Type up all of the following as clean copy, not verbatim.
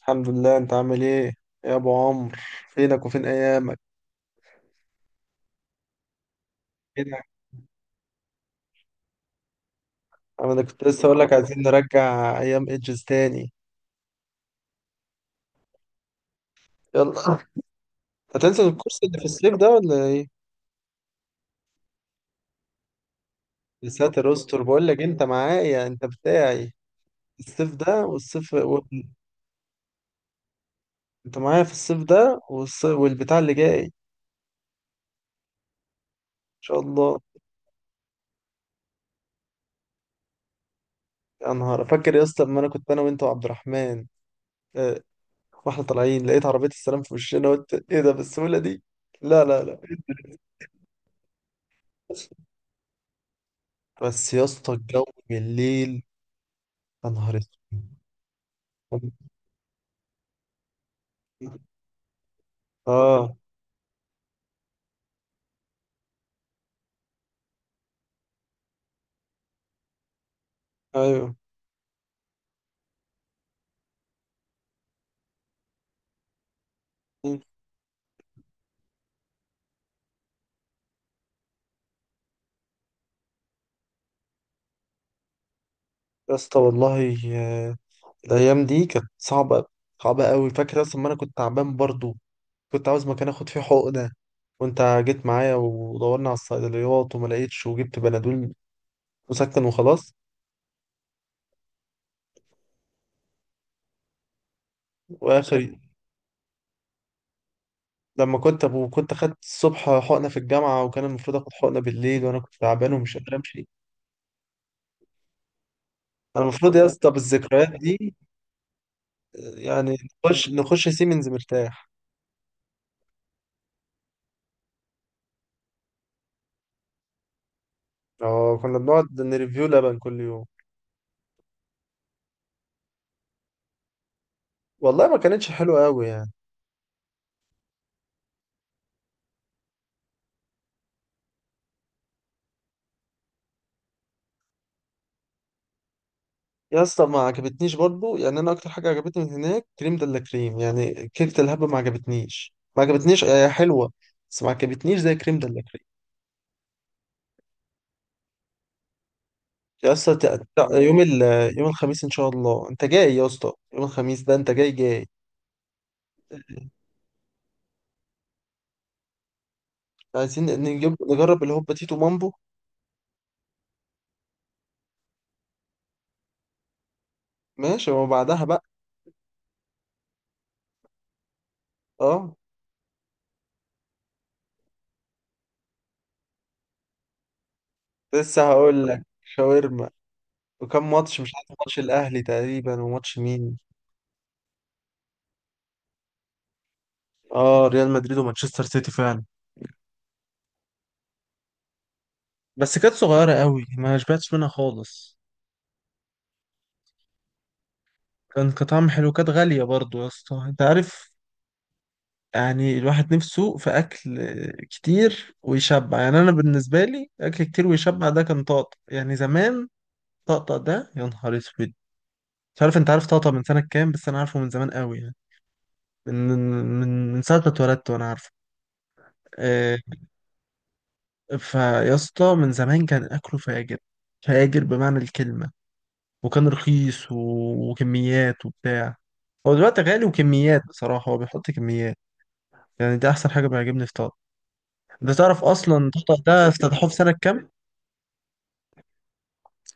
الحمد لله. انت عامل ايه يا ابو عمرو؟ فينك وفين ايامك؟ فينك؟ انا كنت لسه اقول لك عايزين نرجع ايام ايدجز تاني. يلا، هتنزل الكورس اللي في الصيف ده ولا ايه؟ يا ساتر استر، بقول لك انت معايا، انت بتاعي الصيف ده والصيف انت معايا في الصيف ده والبتاع اللي جاي ان شاء الله. يا نهار، فاكر يا اسطى لما انا كنت انا وانت وعبد الرحمن، اه، واحنا طالعين لقيت عربية السلام في وشنا، قلت ايه ده بالسهولة دي؟ لا لا لا. بس يا اسطى الجو بالليل، يا نهار اسود. اه، ايوه يا اسطى والله. الايام دي كانت صعبه، صعبه قوي. فاكر اصلا، ما انا كنت تعبان برضو، كنت عاوز مكان اخد فيه حقنه، وانت جيت معايا ودورنا على الصيدليات وما لقيتش، وجبت بنادول مسكن وخلاص. واخر لما كنت كنت خدت الصبح حقنه في الجامعه، وكان المفروض اخد حقنه بالليل، وانا كنت تعبان ومش قادر امشي. انا المفروض يا اسطى بالذكريات دي يعني نخش نخش سيمنز مرتاح. اه، كنا بنقعد نريفيو لبن كل يوم. والله ما كانتش حلوه قوي يعني. يا اسطى ما عجبتنيش برضو يعني، انا اكتر حاجه عجبتني من هناك كريم دلا كريم، يعني كيكه الهبه ما عجبتنيش، ما عجبتنيش، هي حلوه بس ما عجبتنيش زي كريم دلا كريم. يا اسطى، يوم يوم الخميس ان شاء الله انت جاي، يا اسطى يوم الخميس ده انت جاي جاي. عايزين نجيب نجرب الهوبا تيتو مامبو. ماشي، وبعدها بقى اه. لسه هقول لك شاورما، وكم ماتش، مش عارف ماتش الاهلي تقريبا وماتش مين. اه، ريال مدريد ومانشستر سيتي فعلا. بس كانت صغيرة قوي، ما شبعتش منها خالص. كان طعم حلو، كانت غالية برضو يا اسطى انت عارف. يعني الواحد نفسه في اكل كتير ويشبع، يعني انا بالنسبة لي اكل كتير ويشبع، ده كان طقطق يعني زمان. طقطق ده، يا نهار اسود. مش عارف انت عارف طقطق من سنة كام، بس انا عارفه من زمان قوي يعني. من من ساعة ما اتولدت وانا عارفه. آه، فيا اسطى من زمان كان اكله فاجر، فاجر بمعنى الكلمة، وكان رخيص وكميات وبتاع. هو دلوقتي غالي وكميات، بصراحة هو بيحط كميات. يعني ده أحسن حاجة بيعجبني في طارق. أنت تعرف أصلا طارق ده افتتحوه في سنة كام؟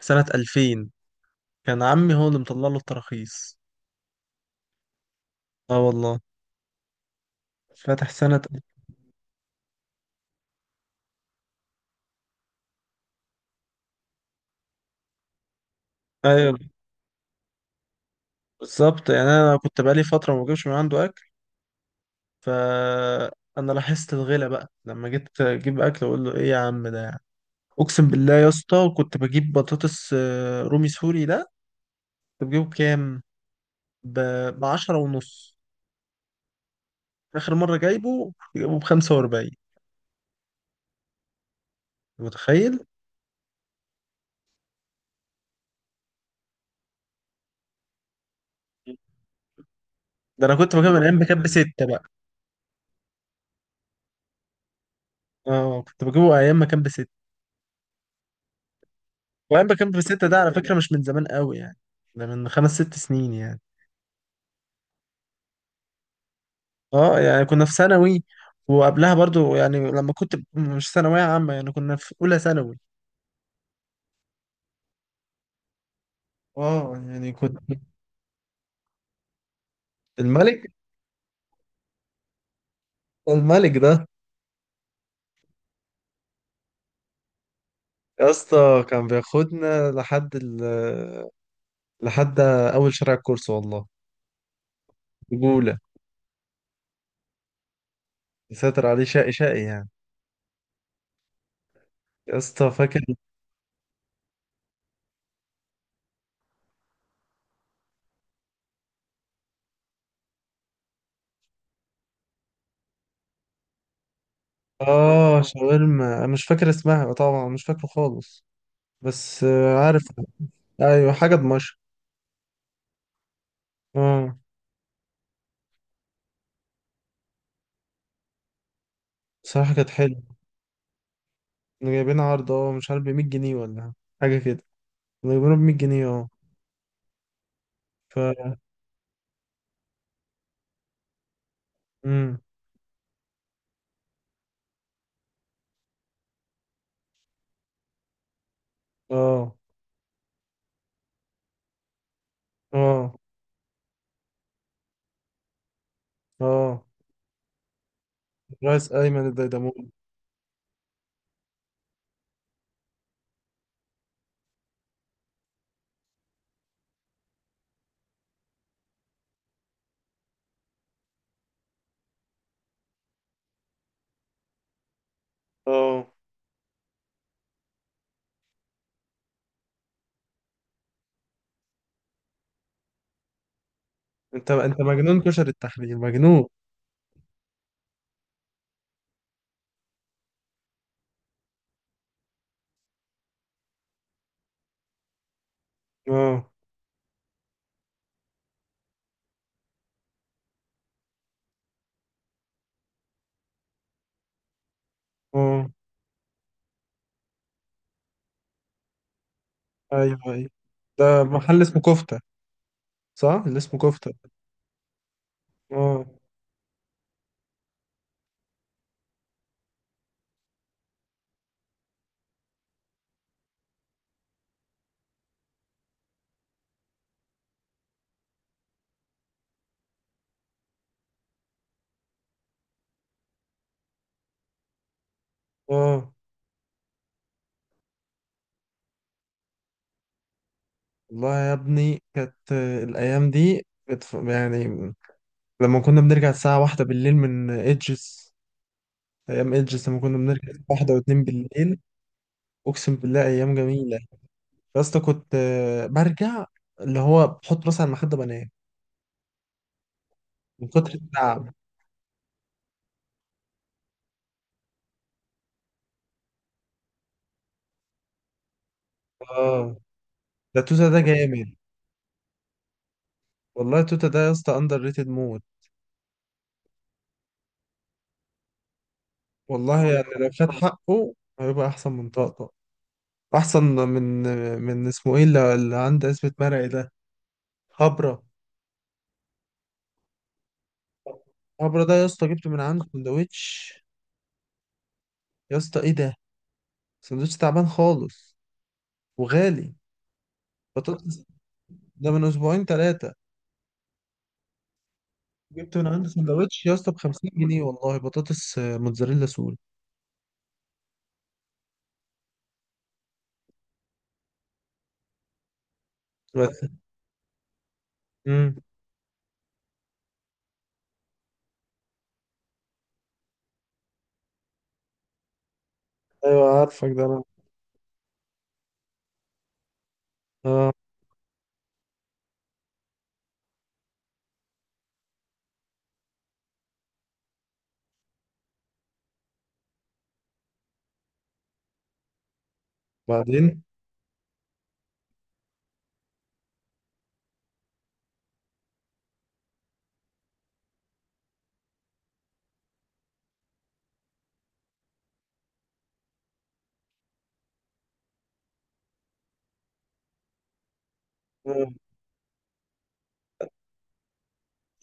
سنة 2000. كان عمي هو اللي مطلع له التراخيص. اه والله، فاتح سنة. أيوة، بالظبط يعني. أنا كنت بقالي فترة ما بجيبش من عنده أكل، فأنا لاحظت الغلا بقى لما جيت أجيب أكل أقول له إيه يا عم ده يعني. أقسم بالله يا اسطى، كنت بجيب بطاطس رومي سوري ده كنت بجيبه بكام؟ ب... بعشرة ونص. آخر مرة جايبه بخمسة وأربعين. متخيل؟ ده أنا كنت بجيبه من أيام ما كان بستة بقى. اه، كنت بجيبه أيام ما كان بستة. وأيام ما كان بستة ده على فكرة مش من زمان قوي يعني، ده من خمس ست سنين يعني. اه يعني كنا في ثانوي. وقبلها برضو يعني، لما كنت مش ثانوية عامة، يعني كنا في أولى ثانوي. اه يعني كنت الملك. الملك ده يا اسطى كان بياخدنا لحد لحد أول شارع الكورس والله. رجولة. يسيطر عليه، شقي شقي يعني. يا اسطى فاكر. اه، شاورما. أنا مش فاكر اسمها طبعا، مش فاكره خالص، بس عارف. ايوه، حاجه دمشق. اه، بصراحه كانت حلوه. كانوا جايبين عرض، اه مش عارف ب 100 جنيه ولا حاجه كده. كانوا جايبينه ب 100 جنيه، اه. ف امم اه، اه اه. رايس ايمن الديدامون. اه. انت مجنون، كشري التحرير مجنون. اه. اه. ايوه ايوه، ده محل اسمه كفته، صح اللي اسمه كفته. اه. اه والله يا ابني، كانت الأيام دي يعني، لما كنا بنرجع الساعة واحدة بالليل من إيدجز. أيام إيدجز لما كنا بنرجع الساعة واحدة واتنين بالليل. أقسم بالله أيام جميلة. يا اسطى، كنت برجع اللي هو بحط راسي على المخدة بنام من كتر التعب. آه، ده توتا ده جامد. والله توتا ده يا اسطى أندر ريتد مود. والله يعني لو خد حقه هيبقى أحسن من طقطق. أحسن من اسمه إيه اللي اللي عنده اسمه مرعي ده، هبرة. عبرة ده يا اسطى، جبته من عنده سندوتش، يا اسطى ايه ده؟ سندوتش تعبان خالص، وغالي. بطاطس. ده من اسبوعين ثلاثة. جبت من عنده سندوتش يا اسطى ب 50 جنيه والله، بطاطس موتزاريلا سوري. بس امم ايوه عارفك، ده انا. اه. بعدين مم.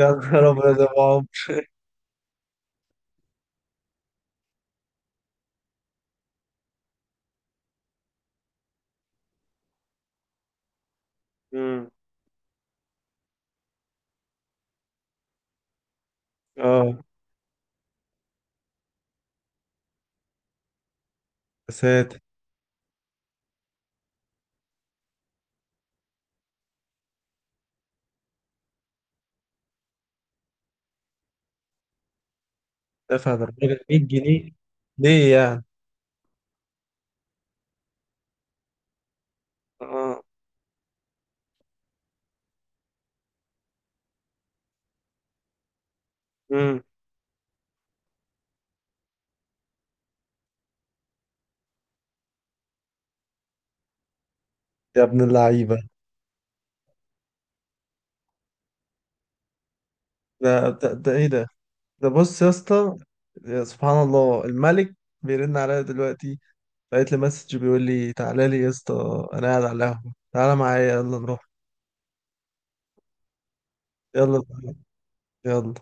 يا نهار ابيض يا أبو عمرو. مم. اه. يا ساتر، دفع ده الراجل 100 جنيه ليه يعني؟ اه. مم. يا ابن اللعيبة. ده ايه ده؟ ده بص يا اسطى، يا سبحان الله، الملك بيرن عليا دلوقتي. لقيت لي مسج بيقول لي تعالى لي يا اسطى انا قاعد على القهوه، تعالى معايا يلا نروح. يلا تعالى. يلا